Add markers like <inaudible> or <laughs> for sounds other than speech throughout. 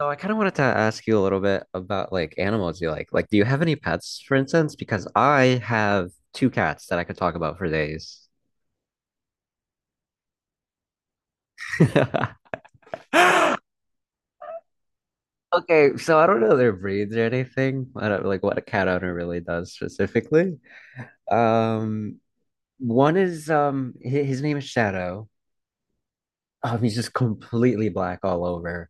So I kind of wanted to ask you a little bit about like animals you like. Like, do you have any pets, for instance? Because I have two cats that I could talk about for days. <laughs> Okay, so I don't know their breeds or anything. I don't like what a cat owner really does specifically. Um, One is his name is Shadow. He's just completely black all over.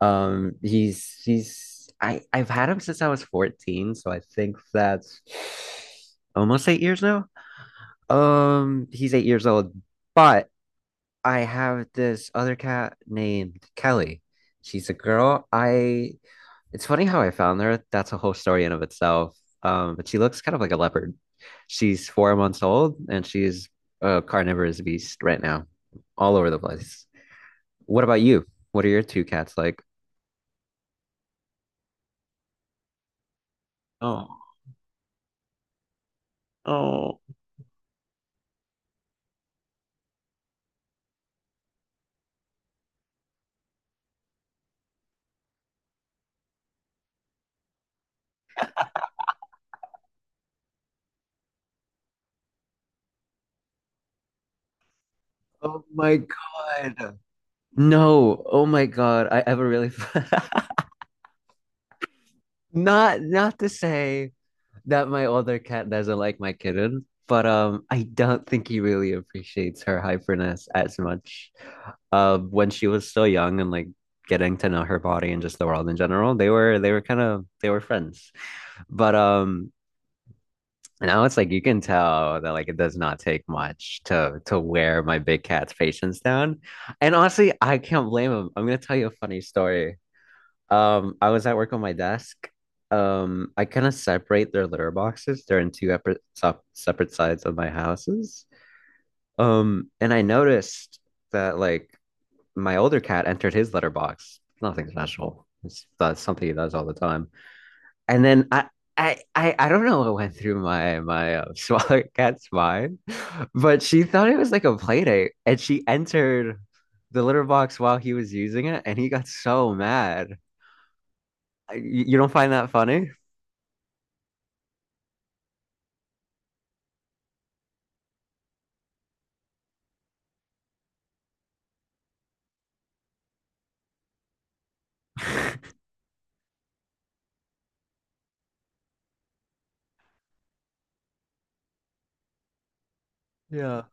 He's I've had him since I was 14, so I think that's almost 8 years now. He's 8 years old, but I have this other cat named Kelly. She's a girl. I it's funny how I found her. That's a whole story in of itself. But she looks kind of like a leopard. She's 4 months old and she's a carnivorous beast right now, all over the place. What about you? What are your two cats like? Oh, oh, oh my God. No, oh my God. I have a really, <laughs> not to say that my older cat doesn't like my kitten, but I don't think he really appreciates her hyperness as much. When she was so young and like getting to know her body and just the world in general, they were friends. But now it's like you can tell that like it does not take much to wear my big cat's patience down. And honestly, I can't blame him. I'm gonna tell you a funny story. I was at work on my desk. I kind of separate their litter boxes. They're in two separate sides of my houses. And I noticed that like my older cat entered his litter box. Nothing special. It's That's something he does all the time. And then I don't know what went through my <laughs> smaller cat's mind, but she thought it was like a play date, and she entered the litter box while he was using it, and he got so mad. You don't find that funny? Yeah.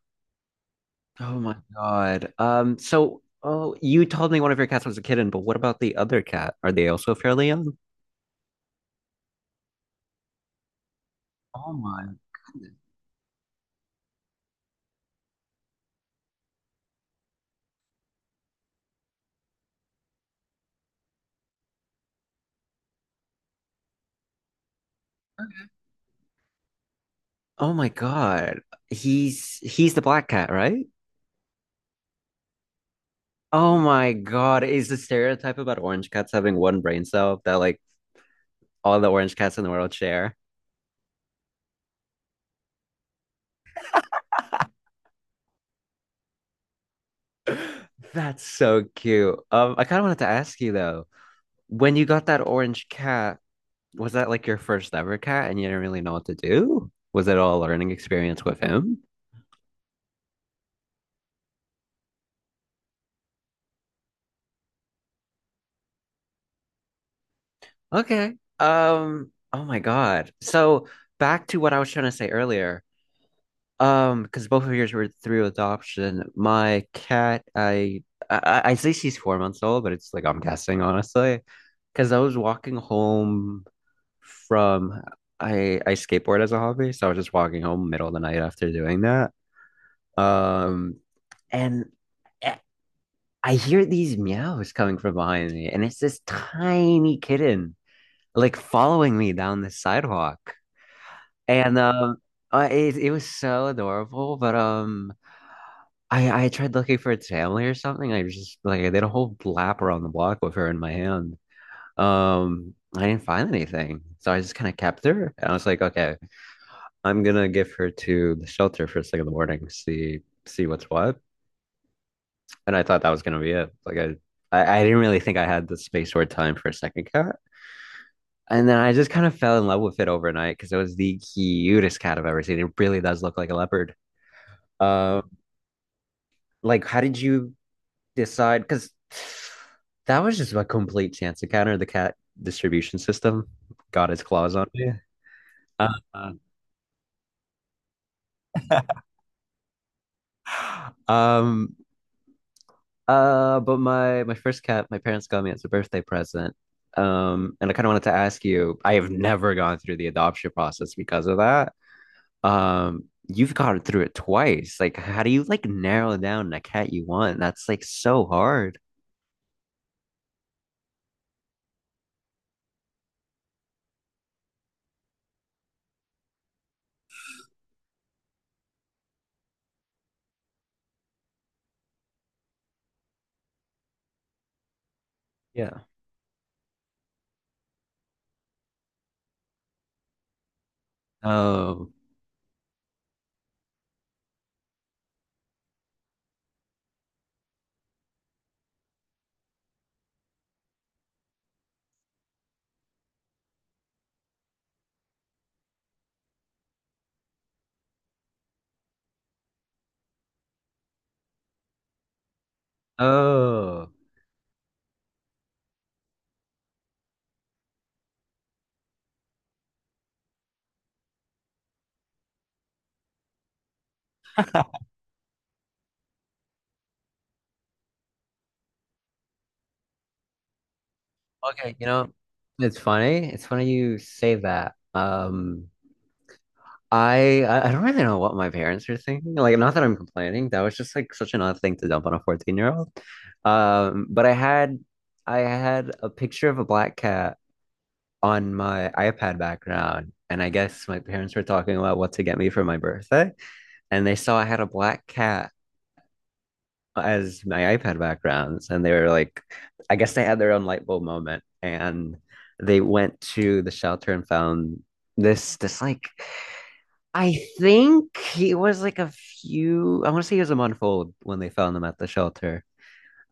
Oh my God. So oh you told me one of your cats was a kitten, but what about the other cat? Are they also fairly young? Oh my goodness. Okay. Oh my God. He's the black cat, right? Oh my God. Is the stereotype about orange cats having one brain cell that like all the orange cats in the world share? <laughs> That's so cute. I kind of wanted to ask you though, when you got that orange cat, was that like your first ever cat and you didn't really know what to do? Was it all a learning experience with him? Okay. Oh my God. So back to what I was trying to say earlier. Because both of yours were through adoption. My cat, I say she's 4 months old, but it's like I'm guessing honestly. Because I was walking home from I skateboard as a hobby, so I was just walking home middle of the night after doing that. Um, and I hear these meows coming from behind me, and it's this tiny kitten like following me down the sidewalk. And it was so adorable. But I tried looking for its family or something. I just like I did a whole lap around the block with her in my hand. I didn't find anything, so I just kind of kept her, and I was like, okay, I'm gonna give her to the shelter first thing in the morning, see what's what. And I thought that was gonna be it. Like I didn't really think I had the space or time for a second cat, and then I just kind of fell in love with it overnight because it was the cutest cat I've ever seen. It really does look like a leopard. Uh, like how did you decide? Because that was just a complete chance encounter. The cat distribution system got its claws on me. Uh, um, but my first cat, my parents got me as a birthday present. And I kind of wanted to ask you, I have never gone through the adoption process because of that. You've gone through it twice. Like, how do you like narrow down the cat you want? That's like so hard. Yeah. Oh, oh. <laughs> Okay, you know, it's funny. It's funny you say that. I don't really know what my parents were thinking. Like, not that I'm complaining. That was just like such an odd thing to dump on a 14-year-old. But I had a picture of a black cat on my iPad background, and I guess my parents were talking about what to get me for my birthday, and they saw I had a black cat as my iPad backgrounds, and they were like, I guess they had their own light bulb moment, and they went to the shelter and found this this like I think he was like a few, I want to say he was a month old when they found him at the shelter.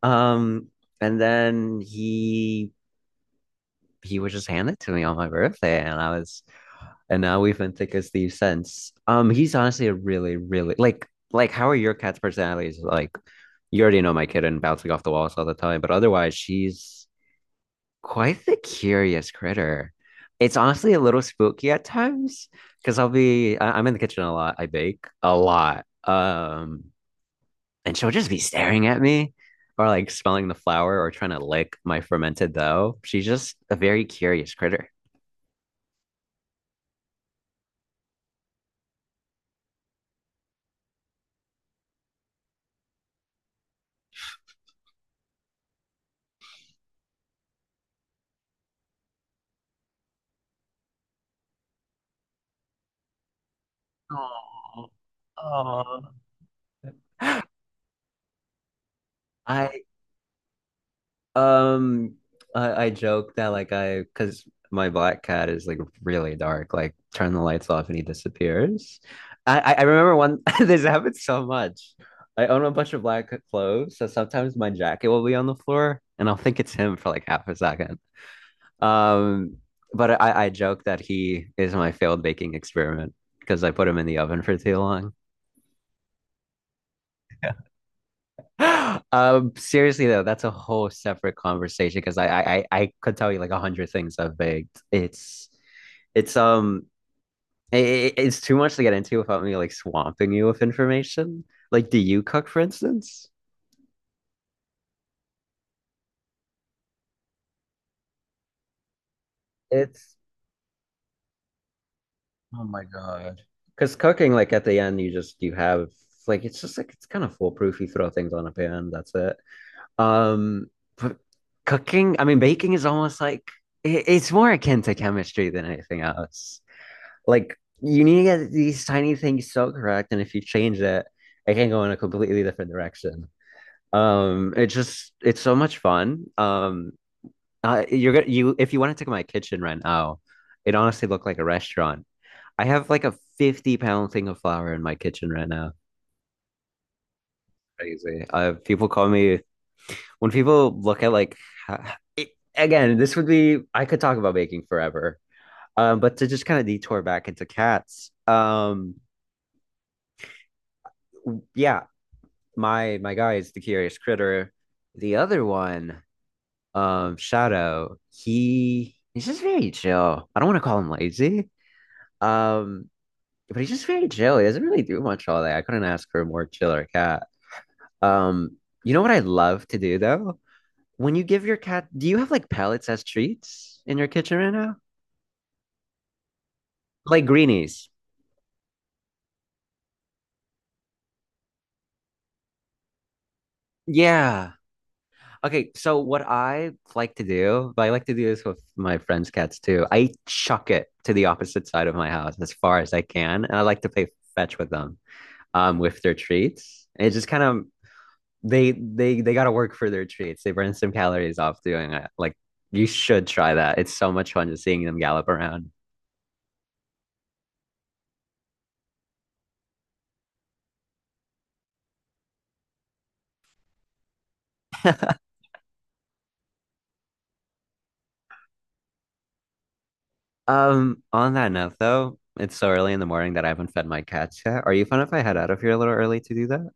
Um, and then he was just handed to me on my birthday, and I was, and now we've been thick as thieves since. He's honestly a really, really how are your cat's personalities? Like, you already know my kitten bouncing off the walls all the time, but otherwise, she's quite the curious critter. It's honestly a little spooky at times because I'm in the kitchen a lot. I bake a lot. And she'll just be staring at me or like smelling the flour or trying to lick my fermented dough. She's just a very curious critter. Oh, oh. <gasps> I Um, I joke that like I, because my black cat is like really dark. Like turn the lights off and he disappears. I remember one, <laughs> this happens so much. I own a bunch of black clothes, so sometimes my jacket will be on the floor and I'll think it's him for like half a second. Um, but I joke that he is my failed baking experiment because I put him in the oven for too long. <gasps> <laughs> Seriously though, that's a whole separate conversation because I could tell you like 100 things I've baked. It's um it's too much to get into without me like swamping you with information. Like, do you cook, for instance? It's Oh my God. Because cooking, like at the end, you have like it's just like it's kind of foolproof. You throw things on a pan, that's it. Um, but cooking, I mean, baking is almost like it's more akin to chemistry than anything else. Like you need to get these tiny things so correct, and if you change it, it can go in a completely different direction. It just it's so much fun. You're gonna you, if you wanted to go to my kitchen right now, it honestly looked like a restaurant. I have like a 50-pound thing of flour in my kitchen right now. Crazy. People call me when people look at like ha- it, again, this would be I could talk about baking forever. But to just kind of detour back into cats, yeah, my guy is the curious critter. The other one, Shadow, he's just very chill. I don't want to call him lazy. Um, but he's just very chill. He doesn't really do much all day. I couldn't ask for a more chiller cat. Um, you know what I love to do though? When you give your cat, do you have like pellets as treats in your kitchen right now? Like greenies. Yeah. Okay, so what I like to do, but I like to do this with my friends' cats too. I chuck it to the opposite side of my house as far as I can, and I like to play fetch with them, with their treats. And it just kind of they got to work for their treats. They burn some calories off doing it. Like you should try that. It's so much fun just seeing them gallop around. On that note though, it's so early in the morning that I haven't fed my cats yet. Are you fun if I head out of here a little early to do that?